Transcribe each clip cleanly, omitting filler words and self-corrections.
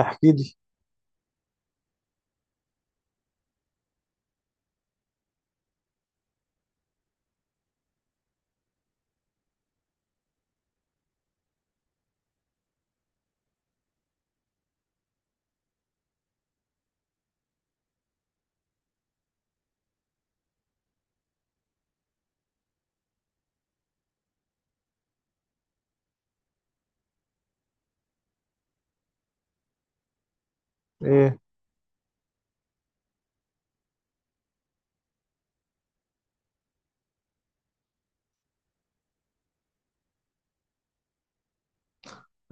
احكي لي. ايه؟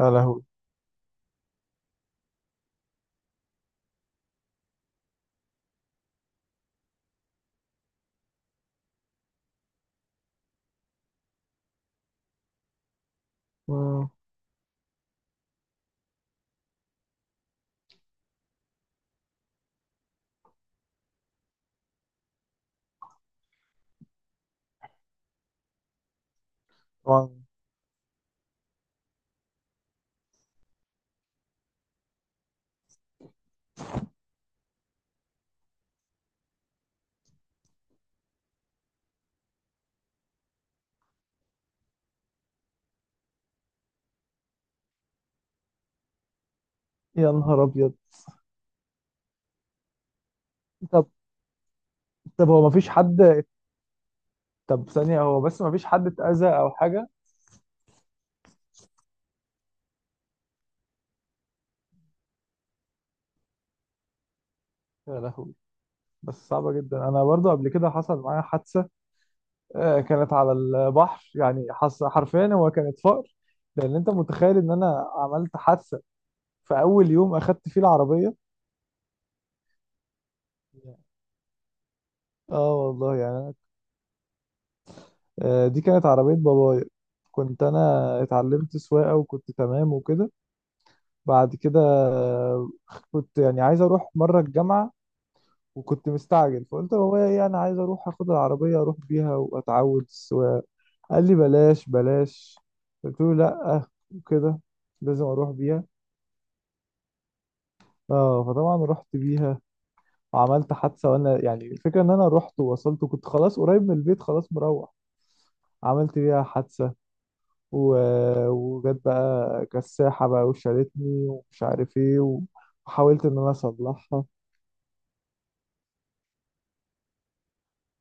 يا لهوي. مم. طبعا. يا نهار ابيض. طب. طب هو مفيش حد. طب ثانية هو بس مفيش حد اتأذى او حاجة؟ يا لهوي. بس صعبة جدا، انا برضو قبل كده حصل معايا حادثة. كانت على البحر، يعني حرفيا هو كانت فقر. لان انت متخيل ان انا عملت حادثة في اول يوم اخدت فيه العربية. اه والله، يعني دي كانت عربية بابايا. كنت انا اتعلمت سواقة وكنت تمام وكده. بعد كده كنت يعني عايز اروح مره الجامعه، وكنت مستعجل فقلت لبابايا ايه انا عايز اروح اخد العربيه اروح بيها واتعود السواقه. قال لي بلاش بلاش. قلت له لا. وكده، لازم اروح بيها. اه فطبعا رحت بيها وعملت حادثه، وانا يعني الفكره ان انا رحت ووصلت وكنت خلاص قريب من البيت، خلاص مروح. عملت بيها حادثه و... وجت بقى كساحه بقى وشالتني ومش عارف ايه، وحاولت ان انا اصلحها.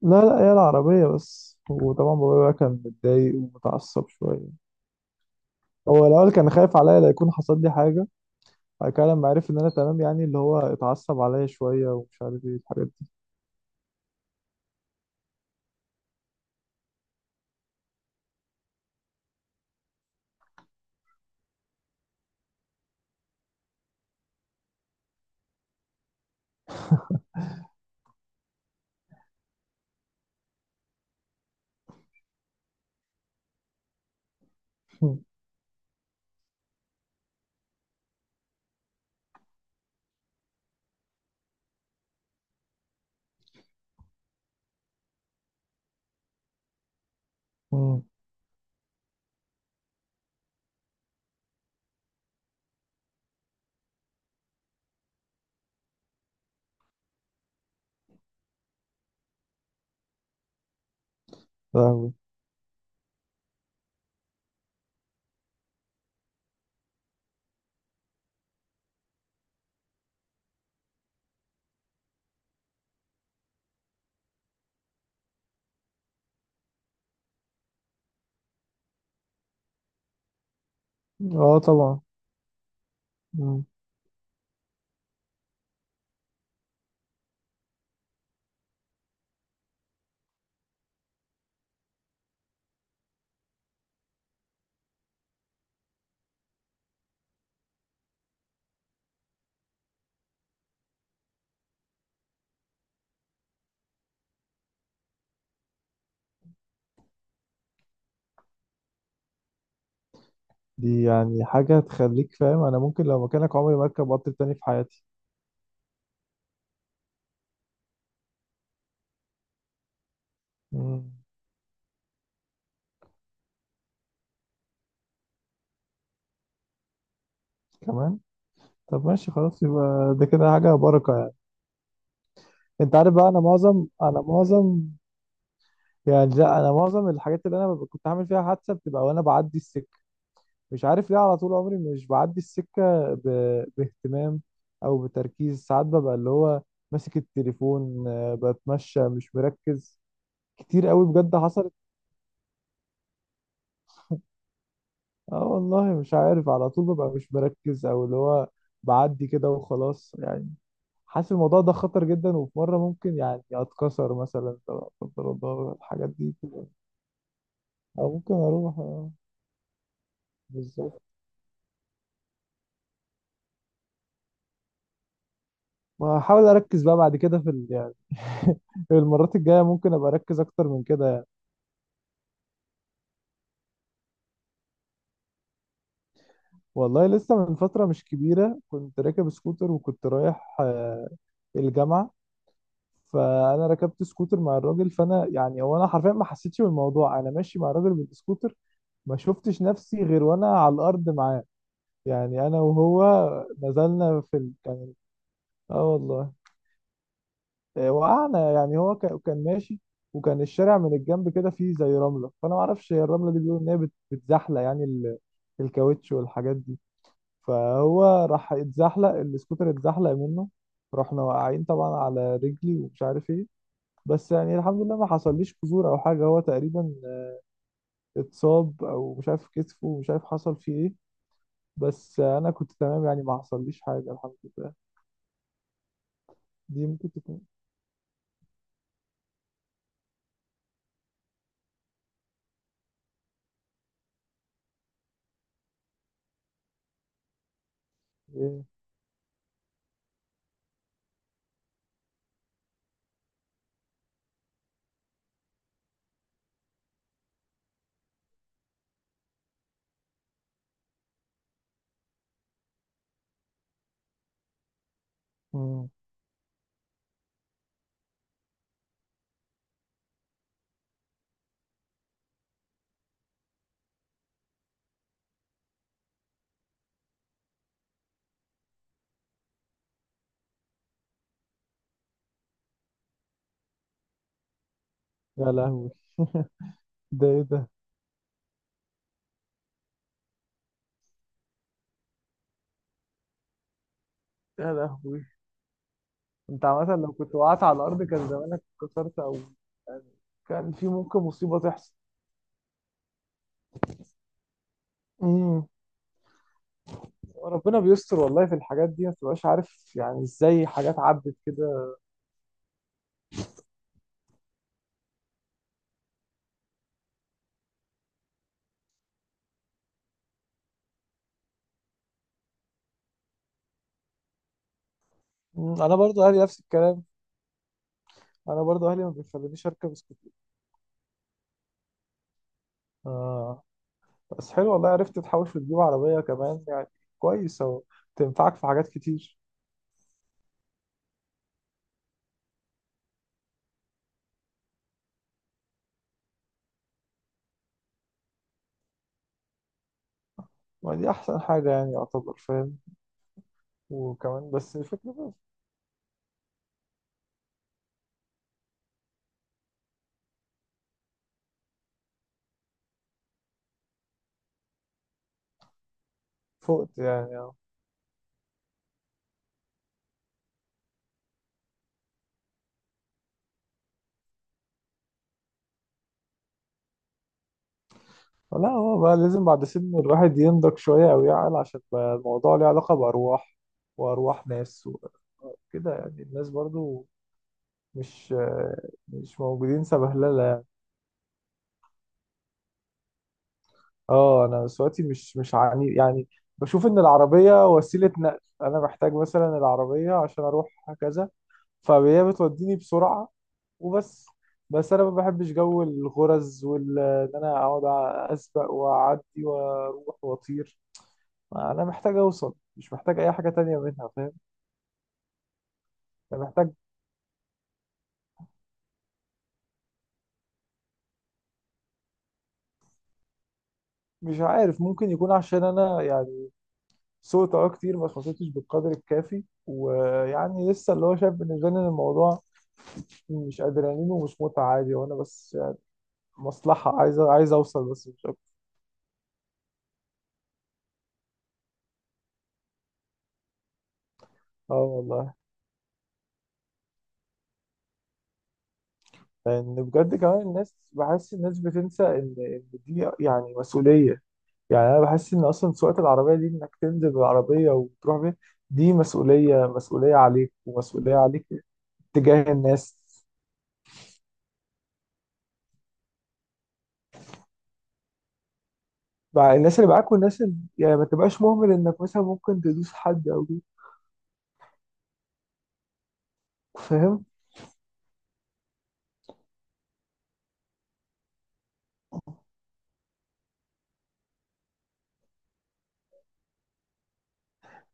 لا لا، هي العربية بس. وطبعا بابايا بقى كان متضايق ومتعصب شوية. هو الأول كان خايف عليا لا يكون حصل لي حاجة. بعد كده لما عرف إن أنا تمام، يعني اللي هو اتعصب عليا شوية ومش عارف إيه الحاجات دي. أمم. فاهمك. اه طبعا. أمم. دي يعني حاجة تخليك فاهم أنا ممكن لو مكانك عمري ما أركب قطر تاني في حياتي. أمم. كمان. طب ماشي خلاص، يبقى ده كده حاجة بركة يعني. أنت عارف بقى، أنا معظم يعني، لا، أنا معظم الحاجات اللي كنت عامل فيها حادثة بتبقى وأنا بعدي السكة. مش عارف ليه على طول عمري مش بعدي السكة باهتمام أو بتركيز. ساعات ببقى اللي هو ماسك التليفون، بتمشى مش مركز. كتير قوي بجد حصلت. اه والله مش عارف على طول ببقى مش مركز أو اللي هو بعدي كده وخلاص يعني. حاسس الموضوع ده خطر جدا، وفي مرة ممكن يعني أتكسر مثلا لا قدر الله الحاجات دي كده. أو ممكن أروح بالظبط. وهحاول أركز بقى بعد كده في يعني المرات الجاية ممكن أبقى أركز أكتر من كده. والله لسه من فترة مش كبيرة كنت راكب سكوتر، وكنت رايح الجامعة. فأنا ركبت سكوتر مع الراجل، فأنا يعني هو أنا حرفيا ما حسيتش بالموضوع، أنا ماشي مع الراجل بالسكوتر. ما شفتش نفسي غير وأنا على الأرض معاه. يعني أنا وهو نزلنا في كان. آه والله. وقعنا، يعني هو كان ماشي، وكان الشارع من الجنب كده فيه زي رملة. فأنا ما أعرفش هي الرملة دي، بيقولوا إن هي بتزحلق يعني الكاوتش والحاجات دي. فهو راح اتزحلق السكوتر اتزحلق منه. رحنا واقعين طبعا على رجلي ومش عارف ايه. بس يعني الحمد لله ما حصليش كسور او حاجه. هو تقريبا اتصاب او مش عارف كتفه ومش عارف حصل فيه ايه. بس انا كنت تمام يعني، ما حصليش حاجه الحمد لله. دي ممكن تكون ايه. مم. يا لهوي. ده ايه ده. يا لهوي. انت مثلا لو كنت وقعت على الارض كان زمانك اتكسرت او يعني، كان في ممكن مصيبه تحصل. مم. ربنا بيستر والله، في الحاجات دي ما تبقاش عارف يعني ازاي حاجات عدت كده. مم، انا برضو اهلي نفس الكلام. انا برضو اهلي ما بيخلونيش اركب سكوتر. آه. بس حلو والله، عرفت تحوش وتجيب عربية كمان يعني. كويس اهو، تنفعك في حاجات كتير. ما دي احسن حاجة، يعني يعتبر فاهم. وكمان بس الفكرة بقى. فقت يعني آه. لا هو بقى لازم بعد سن الواحد ينضج شوية او يعقل، عشان بقى الموضوع ليه علاقة بأرواح، وأرواح ناس وكده. يعني الناس برضو مش مش موجودين سبهلله يعني. اه انا صوتي مش عني يعني. بشوف ان العربيه وسيله نقل. انا محتاج مثلا العربيه عشان اروح كذا، فهي بتوديني بسرعه وبس. بس انا ما بحبش جو الغرز وال ان انا اقعد اسبق واعدي واروح واطير. انا محتاج اوصل، مش محتاج اي حاجه تانية منها فاهم. انا محتاج. مش عارف ممكن يكون عشان انا يعني سوقت اه كتير، بس ما سوقتش بالقدر الكافي، ويعني لسه اللي هو شايف بالنسبه لي ان الموضوع مش ادرينالين ومش متعه عادي. وانا بس يعني مصلحه، عايز اوصل بس مش اكتر. اه والله. لان بجد كمان الناس، بحس الناس بتنسى ان دي يعني مسؤوليه. يعني انا بحس ان اصلا سواقه العربيه دي، انك تنزل بالعربيه وتروح بيها، دي مسؤوليه، مسؤوليه عليك ومسؤوليه عليك تجاه الناس. بقى الناس اللي معاك والناس اللي يعني ما تبقاش مهمل انك مثلا ممكن تدوس حد او كده. فاهم.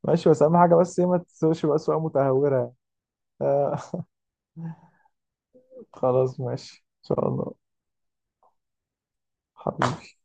ماشي، بس اهم حاجه بس ايه ما تسوقش بقى سواقه متهوره. آه خلاص ماشي ان شاء الله. حبيبي.